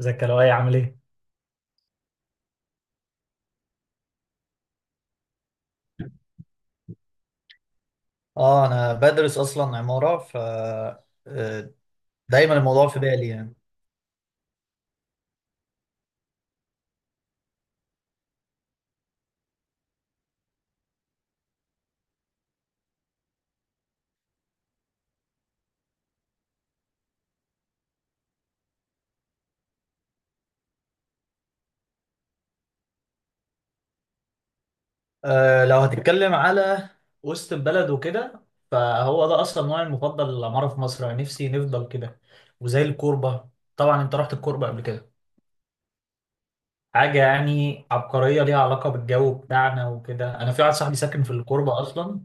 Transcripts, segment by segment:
ازيك يا لؤي، عامل ايه؟ اه، انا بدرس اصلا عمارة، ف آه، دايما الموضوع في بالي يعني. لو هتتكلم على وسط البلد وكده، فهو ده اصلا نوعي المفضل للعمارة في مصر، يعني نفسي نفضل كده. وزي الكوربة، طبعا انت رحت الكوربة قبل كده. حاجة يعني عبقرية، ليها علاقة بالجو بتاعنا وكده. انا في واحد صاحبي ساكن في الكوربة اصلا،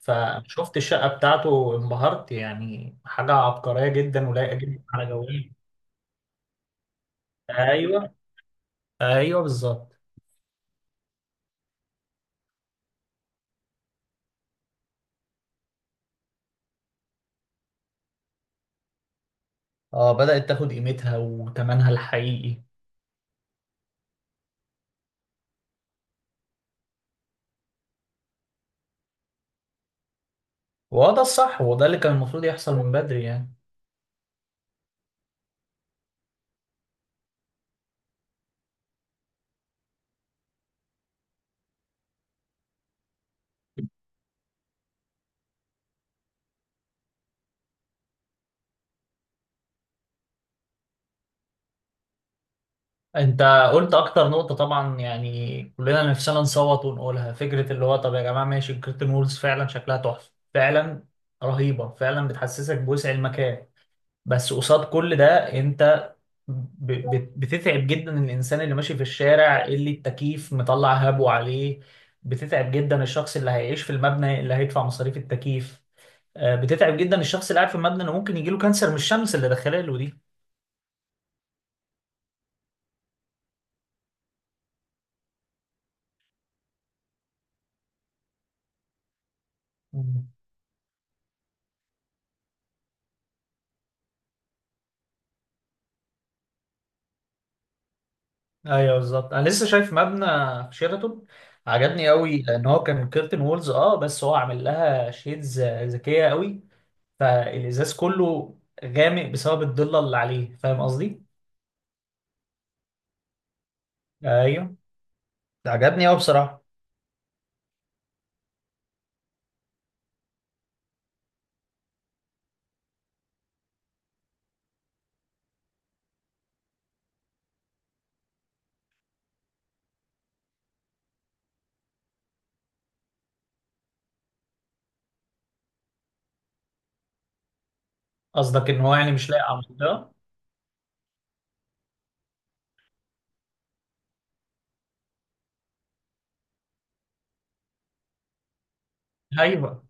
فشفت الشقة بتاعته انبهرت. يعني حاجة عبقرية جدا ولايقة جدا على جونا. ايوه، ايوه بالظبط. اه، بدأت تاخد قيمتها وتمنها الحقيقي. وده الصح، وده اللي كان المفروض يحصل من بدري يعني. انت قلت اكتر نقطة، طبعا يعني كلنا نفسنا نصوت ونقولها، فكرة اللي هو طب يا جماعة ماشي، الكرتون وولز فعلا شكلها تحفة، فعلا رهيبة فعلا، بتحسسك بوسع المكان. بس قصاد كل ده، انت بتتعب جدا الانسان اللي ماشي في الشارع اللي التكييف مطلع هبو عليه. بتتعب جدا الشخص اللي هيعيش في المبنى اللي هيدفع مصاريف التكييف. بتتعب جدا الشخص اللي قاعد في المبنى انه ممكن يجيله كانسر من الشمس اللي داخله له دي. مم. ايوه بالظبط، انا لسه شايف مبنى في شيراتون عجبني قوي، لان هو كان كيرتن وولز، بس هو عامل لها شيدز ذكيه قوي. فالازاز كله غامق بسبب الضله اللي عليه، فاهم قصدي؟ ايوه، ده عجبني قوي بصراحه. قصدك ان هو يعني مش لاقي على المنطقه. ايوه،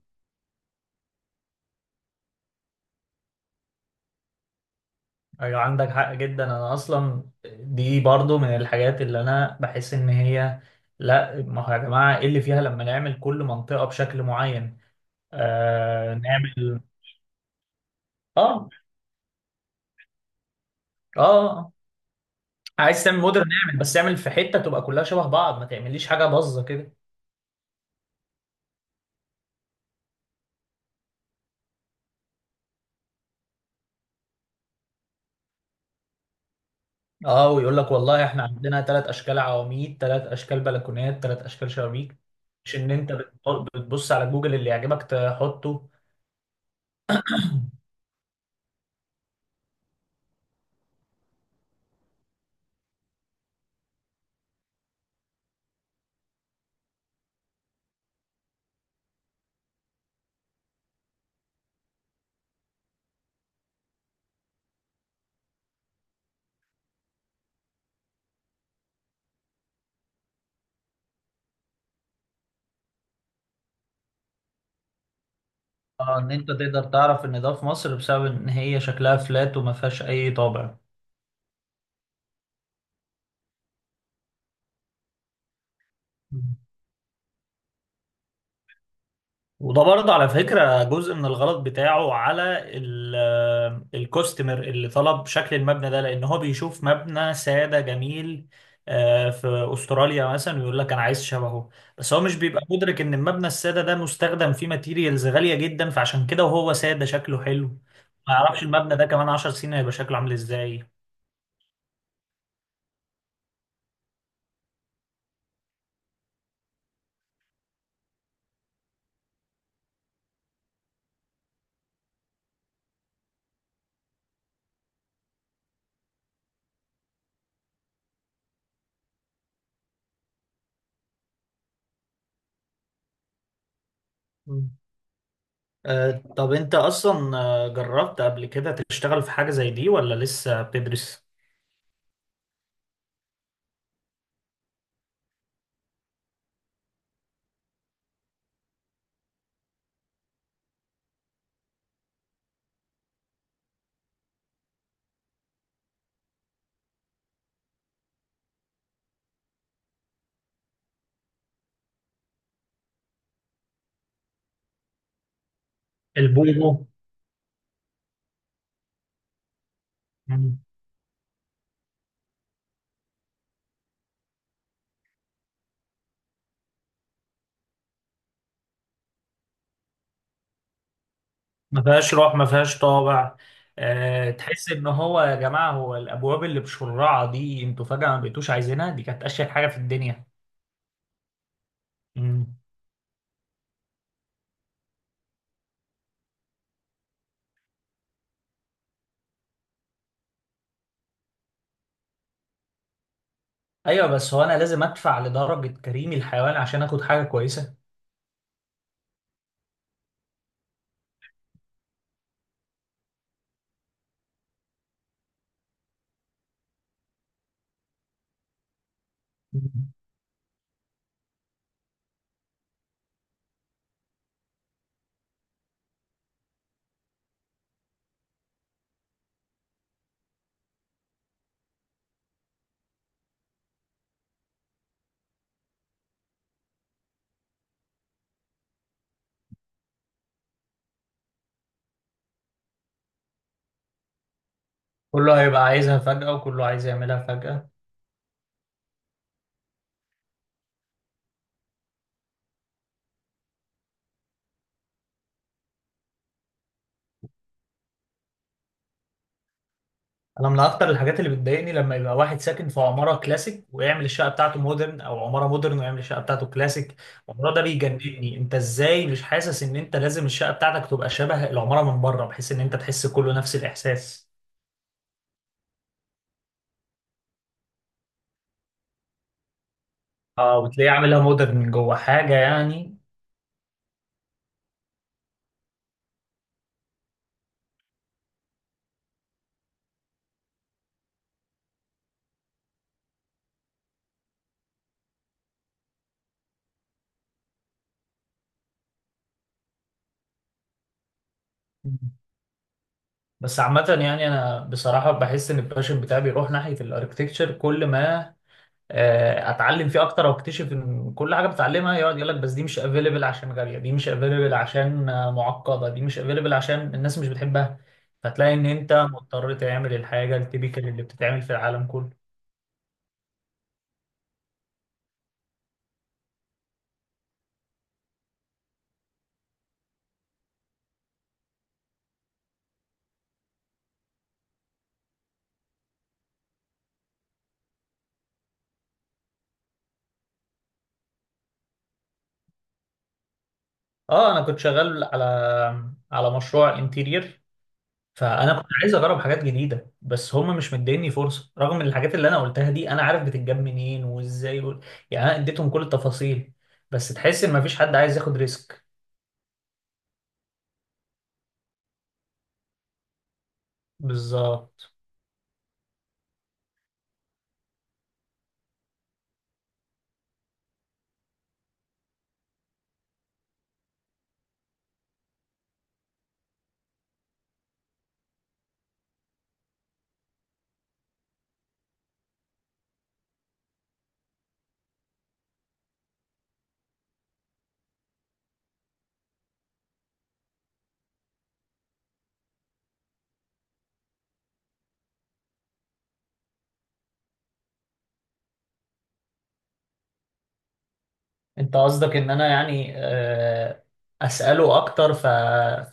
ايوه، عندك حق جدا. انا اصلا دي برضو من الحاجات اللي انا بحس ان هي، لا ما هو يا جماعه ايه اللي فيها لما نعمل كل منطقه بشكل معين. آه نعمل اه اه آه. عايز تعمل مودرن نعمل، بس اعمل في حته تبقى كلها شبه بعض، ما تعمليش حاجه باظه كده. اه، ويقول لك والله احنا عندنا ثلاث اشكال عواميد، ثلاث اشكال بلكونات، ثلاث اشكال شبابيك. مش ان انت بتبص على جوجل اللي يعجبك تحطه. اه، ان انت تقدر تعرف ان ده في مصر بسبب ان هي شكلها فلات وما فيهاش اي طابع. مم. وده برضه على فكرة جزء من الغلط بتاعه على ال- الكوستمر اللي طلب شكل المبنى ده، لأن هو بيشوف مبنى سادة جميل في أستراليا مثلا، ويقول لك أنا عايز شبهه. بس هو مش بيبقى مدرك إن المبنى السادة ده مستخدم فيه ماتيريالز غالية جدا، فعشان كده وهو سادة شكله حلو. ما يعرفش المبنى ده كمان 10 سنين هيبقى شكله عامل إزاي. طب انت اصلا جربت قبل كده تشتغل في حاجة زي دي ولا لسه بتدرس؟ البومو. مم. ما فيهاش روح، ما فيهاش طابع. أه، تحس ان هو يا جماعة هو الابواب اللي بشرعة دي انتوا فجأة ما بقيتوش عايزينها، دي كانت اشهر حاجة في الدنيا. مم. ايوه بس هو انا لازم ادفع لدرجة كريم الحيوان عشان اخد حاجة كويسة؟ مم. كله هيبقى عايزها فجأة، وكله عايز يعملها فجأة. انا من اكتر الحاجات اللي بتضايقني لما يبقى واحد ساكن في عماره كلاسيك ويعمل الشقه بتاعته مودرن، او عماره مودرن ويعمل الشقه بتاعته كلاسيك. الموضوع ده بيجنني، انت ازاي مش حاسس ان انت لازم الشقه بتاعتك تبقى شبه العماره من بره، بحيث ان انت تحس كله نفس الاحساس. اه، وتلاقيه عاملها مودرن من جوه حاجه يعني. بس عامه يعني انا بصراحه بحس ان الباشن بتاعي بيروح ناحيه الاركتكتشر، كل ما اتعلم فيه اكتر واكتشف ان كل حاجه بتعلمها يقعد يقول لك بس دي مش افيلبل عشان غاليه، دي مش افيلبل عشان معقده، دي مش افيلبل عشان الناس مش بتحبها. فتلاقي ان انت مضطر تعمل الحاجه التيبيكال اللي بتتعمل في العالم كله. اه، انا كنت شغال على مشروع انتيرير. فانا كنت عايز اجرب حاجات جديده، بس هم مش مديني فرصه، رغم ان الحاجات اللي انا قلتها دي انا عارف بتتجاب منين وازاي يعني انا اديتهم كل التفاصيل. بس تحس ان مفيش حد عايز ياخد ريسك. بالظبط. انت قصدك ان انا يعني اساله اكتر ف...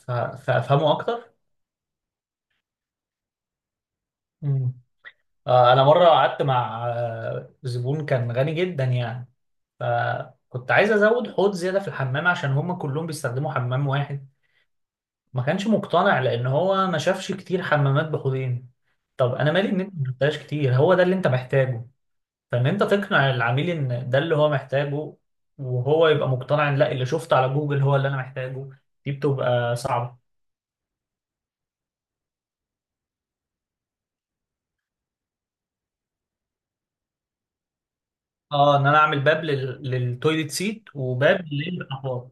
ف... فافهمه اكتر. مم. انا مره قعدت مع زبون كان غني جدا يعني. فكنت عايز ازود حوض زياده في الحمام عشان هم كلهم بيستخدموا حمام واحد. ما كانش مقتنع لان هو ما شافش كتير حمامات بحوضين. طب انا مالي ان انت ما شفتهاش كتير، هو ده اللي انت محتاجه. فان انت تقنع العميل ان ده اللي هو محتاجه، وهو يبقى مقتنع ان لا، اللي شفته على جوجل هو اللي انا محتاجه. دي بتبقى صعبه. اه، ان انا اعمل باب للتويليت سيت، وباب للاحواض.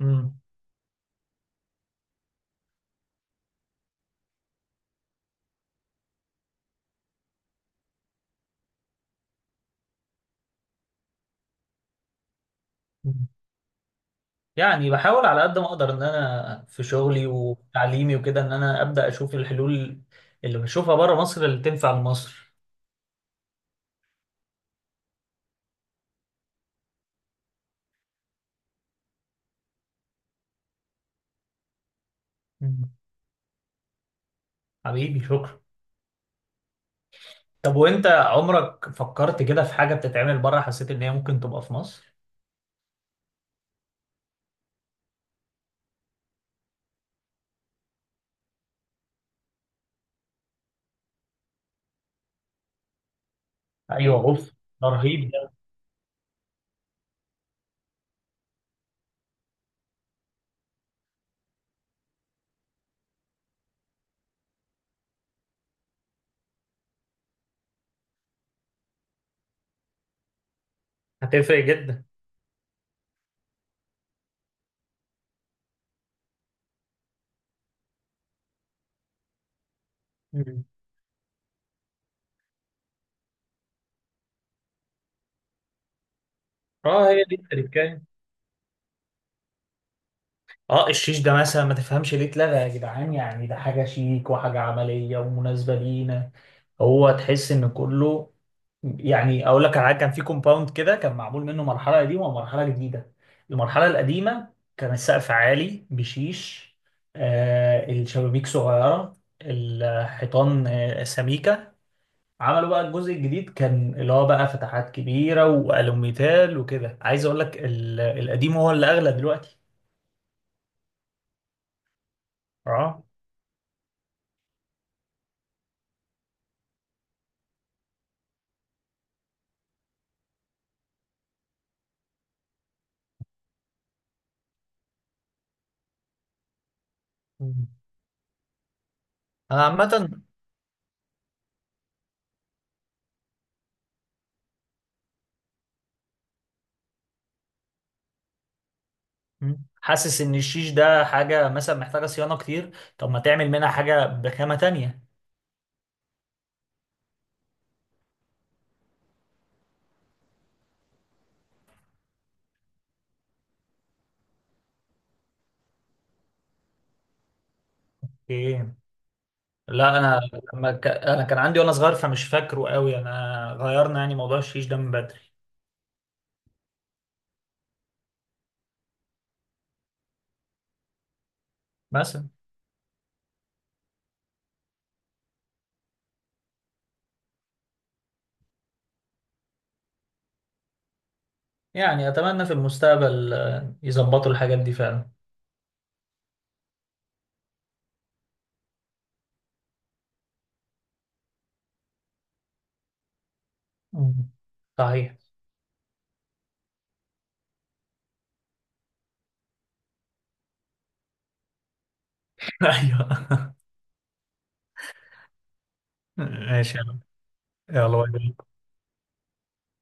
امم. يعني بحاول على قد ما اقدر ان انا في شغلي وتعليمي وكده ان انا ابدا اشوف الحلول اللي بشوفها بره مصر اللي تنفع لمصر. مم. حبيبي شكرا. طب وانت عمرك فكرت كده في حاجه بتتعمل بره حسيت ان هي ممكن تبقى في مصر؟ ايوه، اوف. ده رهيب ده. هتفرق جدا. مم. اه، هي دي التركايه. اه، الشيش ده مثلا ما تفهمش ليه اتلغى يا جدعان، يعني ده حاجة شيك وحاجة عملية ومناسبة لينا. هو تحس ان كله، يعني اقول لك على حاجة، كان في كومباوند كده كان معمول منه مرحلة قديمة ومرحلة جديدة. المرحلة القديمة كان السقف عالي بشيش، الشبابيك صغيرة، الحيطان سميكة. عملوا بقى الجزء الجديد كان اللي هو بقى فتحات كبيرة والوميتال وكده. عايز اقول لك القديم هو اللي اغلى دلوقتي. اه انا عامه حاسس ان الشيش ده حاجه مثلا محتاجه صيانه كتير. طب ما تعمل منها حاجه بخامه تانية؟ ايه. لا انا، انا كان عندي وانا صغير فمش فاكره قوي. انا غيرنا يعني موضوع الشيش ده من بدري مثلا. يعني اتمنى في المستقبل يظبطوا الحاجات دي فعلا. مم. صحيح. ايوه. ماشي يلا. يلا باي باي.